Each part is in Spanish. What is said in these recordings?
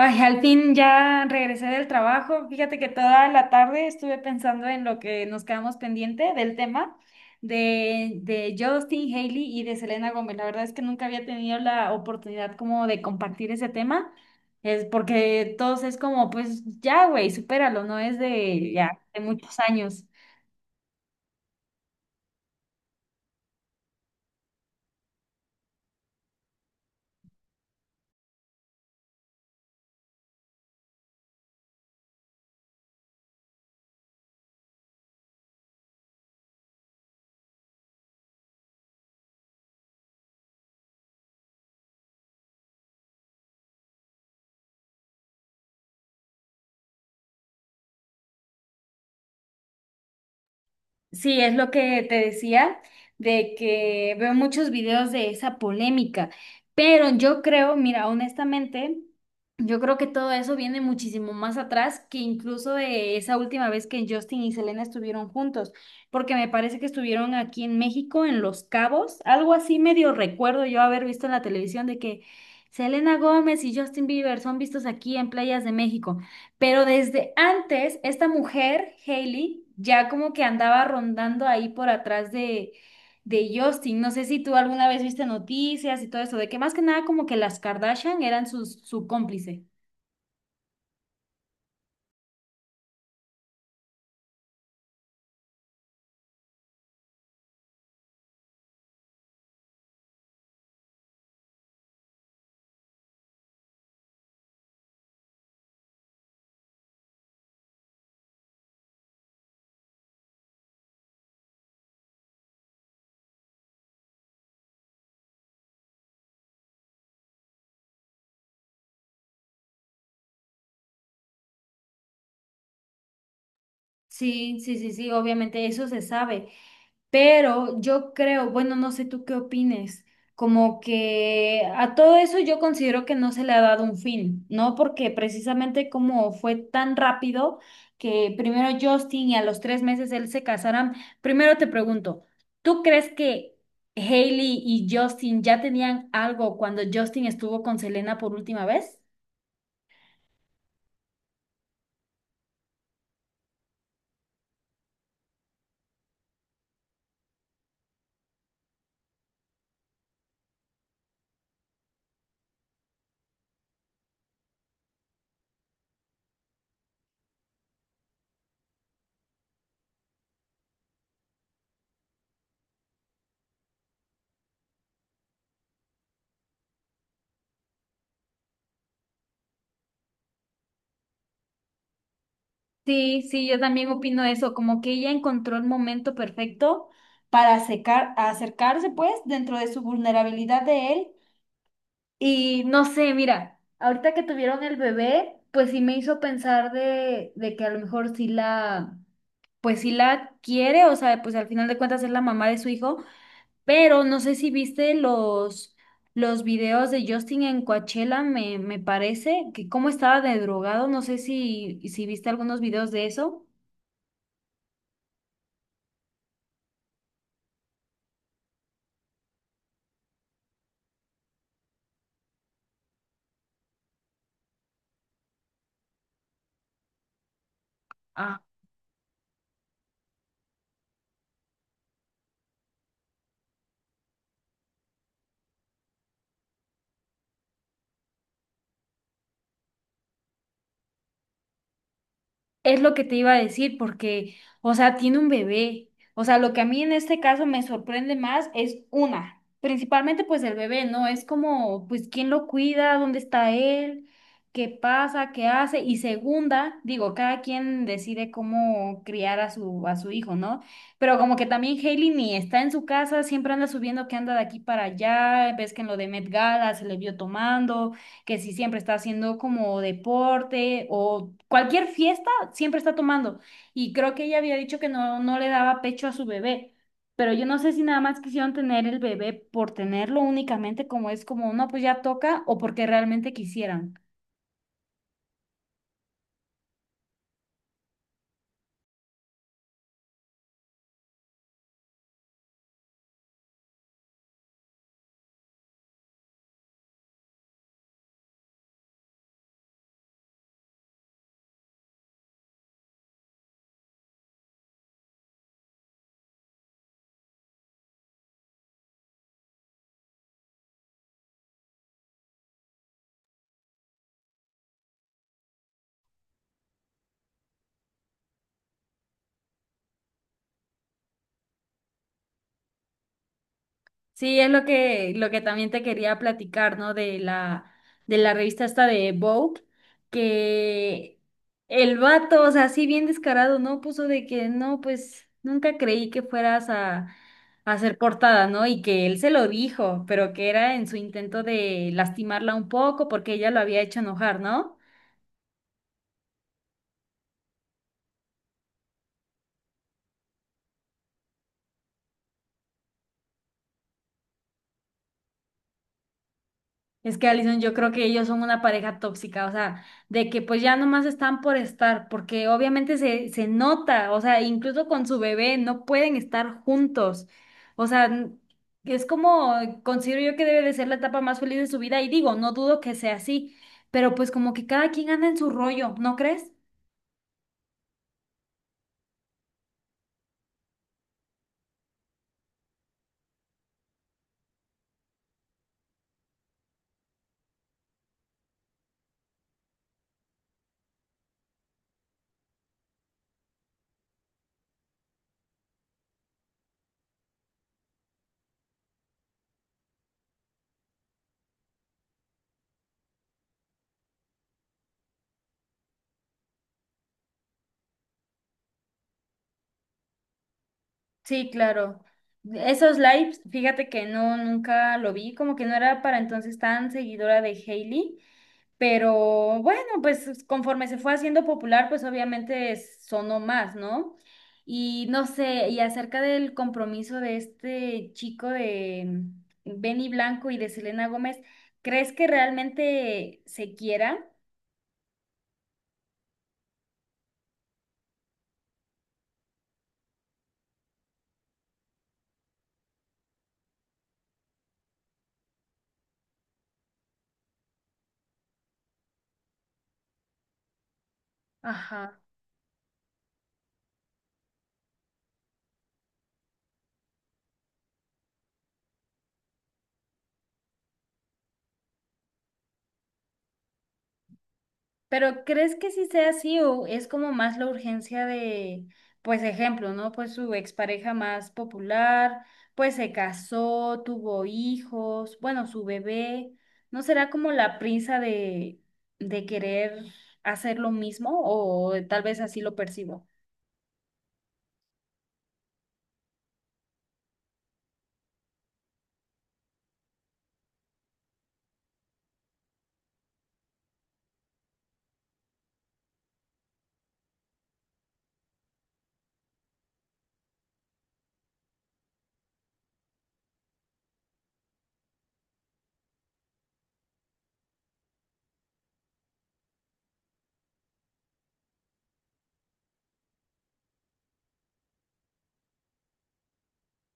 Ay, al fin ya regresé del trabajo. Fíjate que toda la tarde estuve pensando en lo que nos quedamos pendiente del tema de Justin Haley y de Selena Gómez. La verdad es que nunca había tenido la oportunidad como de compartir ese tema. Es porque todos es como, pues ya, güey, supéralo, no es de ya, de muchos años. Sí, es lo que te decía, de que veo muchos videos de esa polémica, pero yo creo, mira, honestamente, yo creo que todo eso viene muchísimo más atrás que incluso de esa última vez que Justin y Selena estuvieron juntos, porque me parece que estuvieron aquí en México, en Los Cabos, algo así medio recuerdo yo haber visto en la televisión de que Selena Gómez y Justin Bieber son vistos aquí en playas de México. Pero desde antes, esta mujer, Hailey, ya como que andaba rondando ahí por atrás de Justin. No sé si tú alguna vez viste noticias y todo eso, de que más que nada como que las Kardashian eran sus, su cómplice. Sí, sí, sí, sí, obviamente eso se sabe. Pero yo creo, bueno, no sé tú qué opines, como que a todo eso yo considero que no se le ha dado un fin, ¿no? Porque precisamente como fue tan rápido que primero Justin y a los tres meses él se casaran, primero te pregunto, ¿tú crees que Hailey y Justin ya tenían algo cuando Justin estuvo con Selena por última vez? Sí, sí, yo también opino eso, como que ella encontró el momento perfecto para acercarse pues dentro de su vulnerabilidad de él. Y no sé, mira, ahorita que tuvieron el bebé, pues sí me hizo pensar de que a lo mejor sí la, pues sí la quiere, o sea, pues al final de cuentas es la mamá de su hijo, pero no sé si viste los videos de Justin en Coachella, me parece, que cómo estaba de drogado, no sé si viste algunos videos de eso. Es lo que te iba a decir, porque, o sea, tiene un bebé. O sea, lo que a mí en este caso me sorprende más es una, principalmente pues el bebé, ¿no? Es como, pues, ¿quién lo cuida? ¿Dónde está él? ¿Qué pasa? ¿Qué hace? Y segunda, digo, cada quien decide cómo criar a su hijo, ¿no? Pero como que también Hailey ni está en su casa, siempre anda subiendo que anda de aquí para allá, ves que en lo de Met Gala se le vio tomando que si siempre está haciendo como deporte o cualquier fiesta siempre está tomando. Y creo que ella había dicho que no le daba pecho a su bebé. Pero yo no sé si nada más quisieron tener el bebé por tenerlo únicamente como es como, no, pues ya toca o porque realmente quisieran. Sí, es lo que también te quería platicar, ¿no? De la revista esta de Vogue, que el vato, o sea, así bien descarado, ¿no? Puso de que no, pues nunca creí que fueras a ser portada, ¿no? Y que él se lo dijo, pero que era en su intento de lastimarla un poco porque ella lo había hecho enojar, ¿no? Es que Alison, yo creo que ellos son una pareja tóxica, o sea, de que pues ya nomás están por estar, porque obviamente se, se nota, o sea, incluso con su bebé no pueden estar juntos. O sea, es como, considero yo que debe de ser la etapa más feliz de su vida, y digo, no dudo que sea así, pero pues como que cada quien anda en su rollo, ¿no crees? Sí, claro. Esos lives, fíjate que no, nunca lo vi, como que no era para entonces tan seguidora de Hailey. Pero bueno, pues conforme se fue haciendo popular, pues obviamente sonó más, ¿no? Y no sé, y acerca del compromiso de este chico de Benny Blanco y de Selena Gómez, ¿crees que realmente se quiera? Ajá. Pero ¿crees que sí sea así o es como más la urgencia de, pues ejemplo, ¿no? Pues su expareja más popular, pues se casó, tuvo hijos, bueno, su bebé, ¿no será como la prisa de querer hacer lo mismo o tal vez así lo percibo?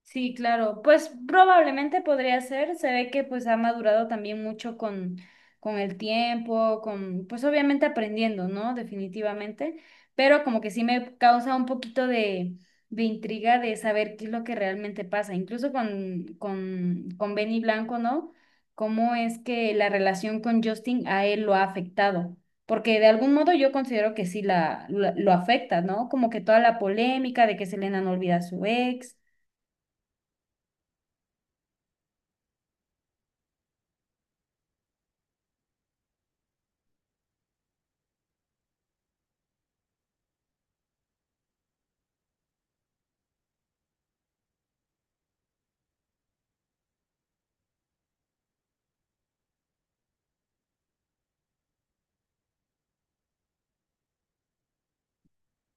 Sí, claro. Pues probablemente podría ser. Se ve que pues ha madurado también mucho con el tiempo, con, pues obviamente aprendiendo, ¿no? Definitivamente. Pero como que sí me causa un poquito de intriga de saber qué es lo que realmente pasa. Incluso con Benny Blanco, ¿no? Cómo es que la relación con Justin a él lo ha afectado. Porque de algún modo yo considero que sí la, lo afecta, ¿no? Como que toda la polémica de que Selena no olvida a su ex.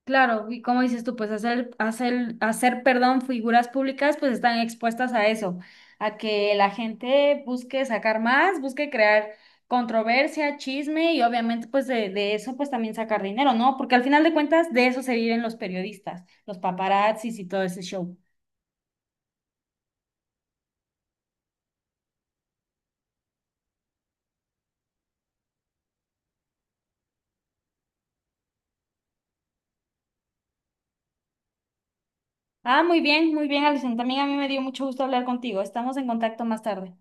Claro, y como dices tú, pues figuras públicas, pues están expuestas a eso, a que la gente busque sacar más, busque crear controversia, chisme y obviamente pues de eso pues también sacar dinero, ¿no? Porque al final de cuentas de eso se viven los periodistas, los paparazzis y todo ese show. Ah, muy bien, Alison. También a mí me dio mucho gusto hablar contigo. Estamos en contacto más tarde.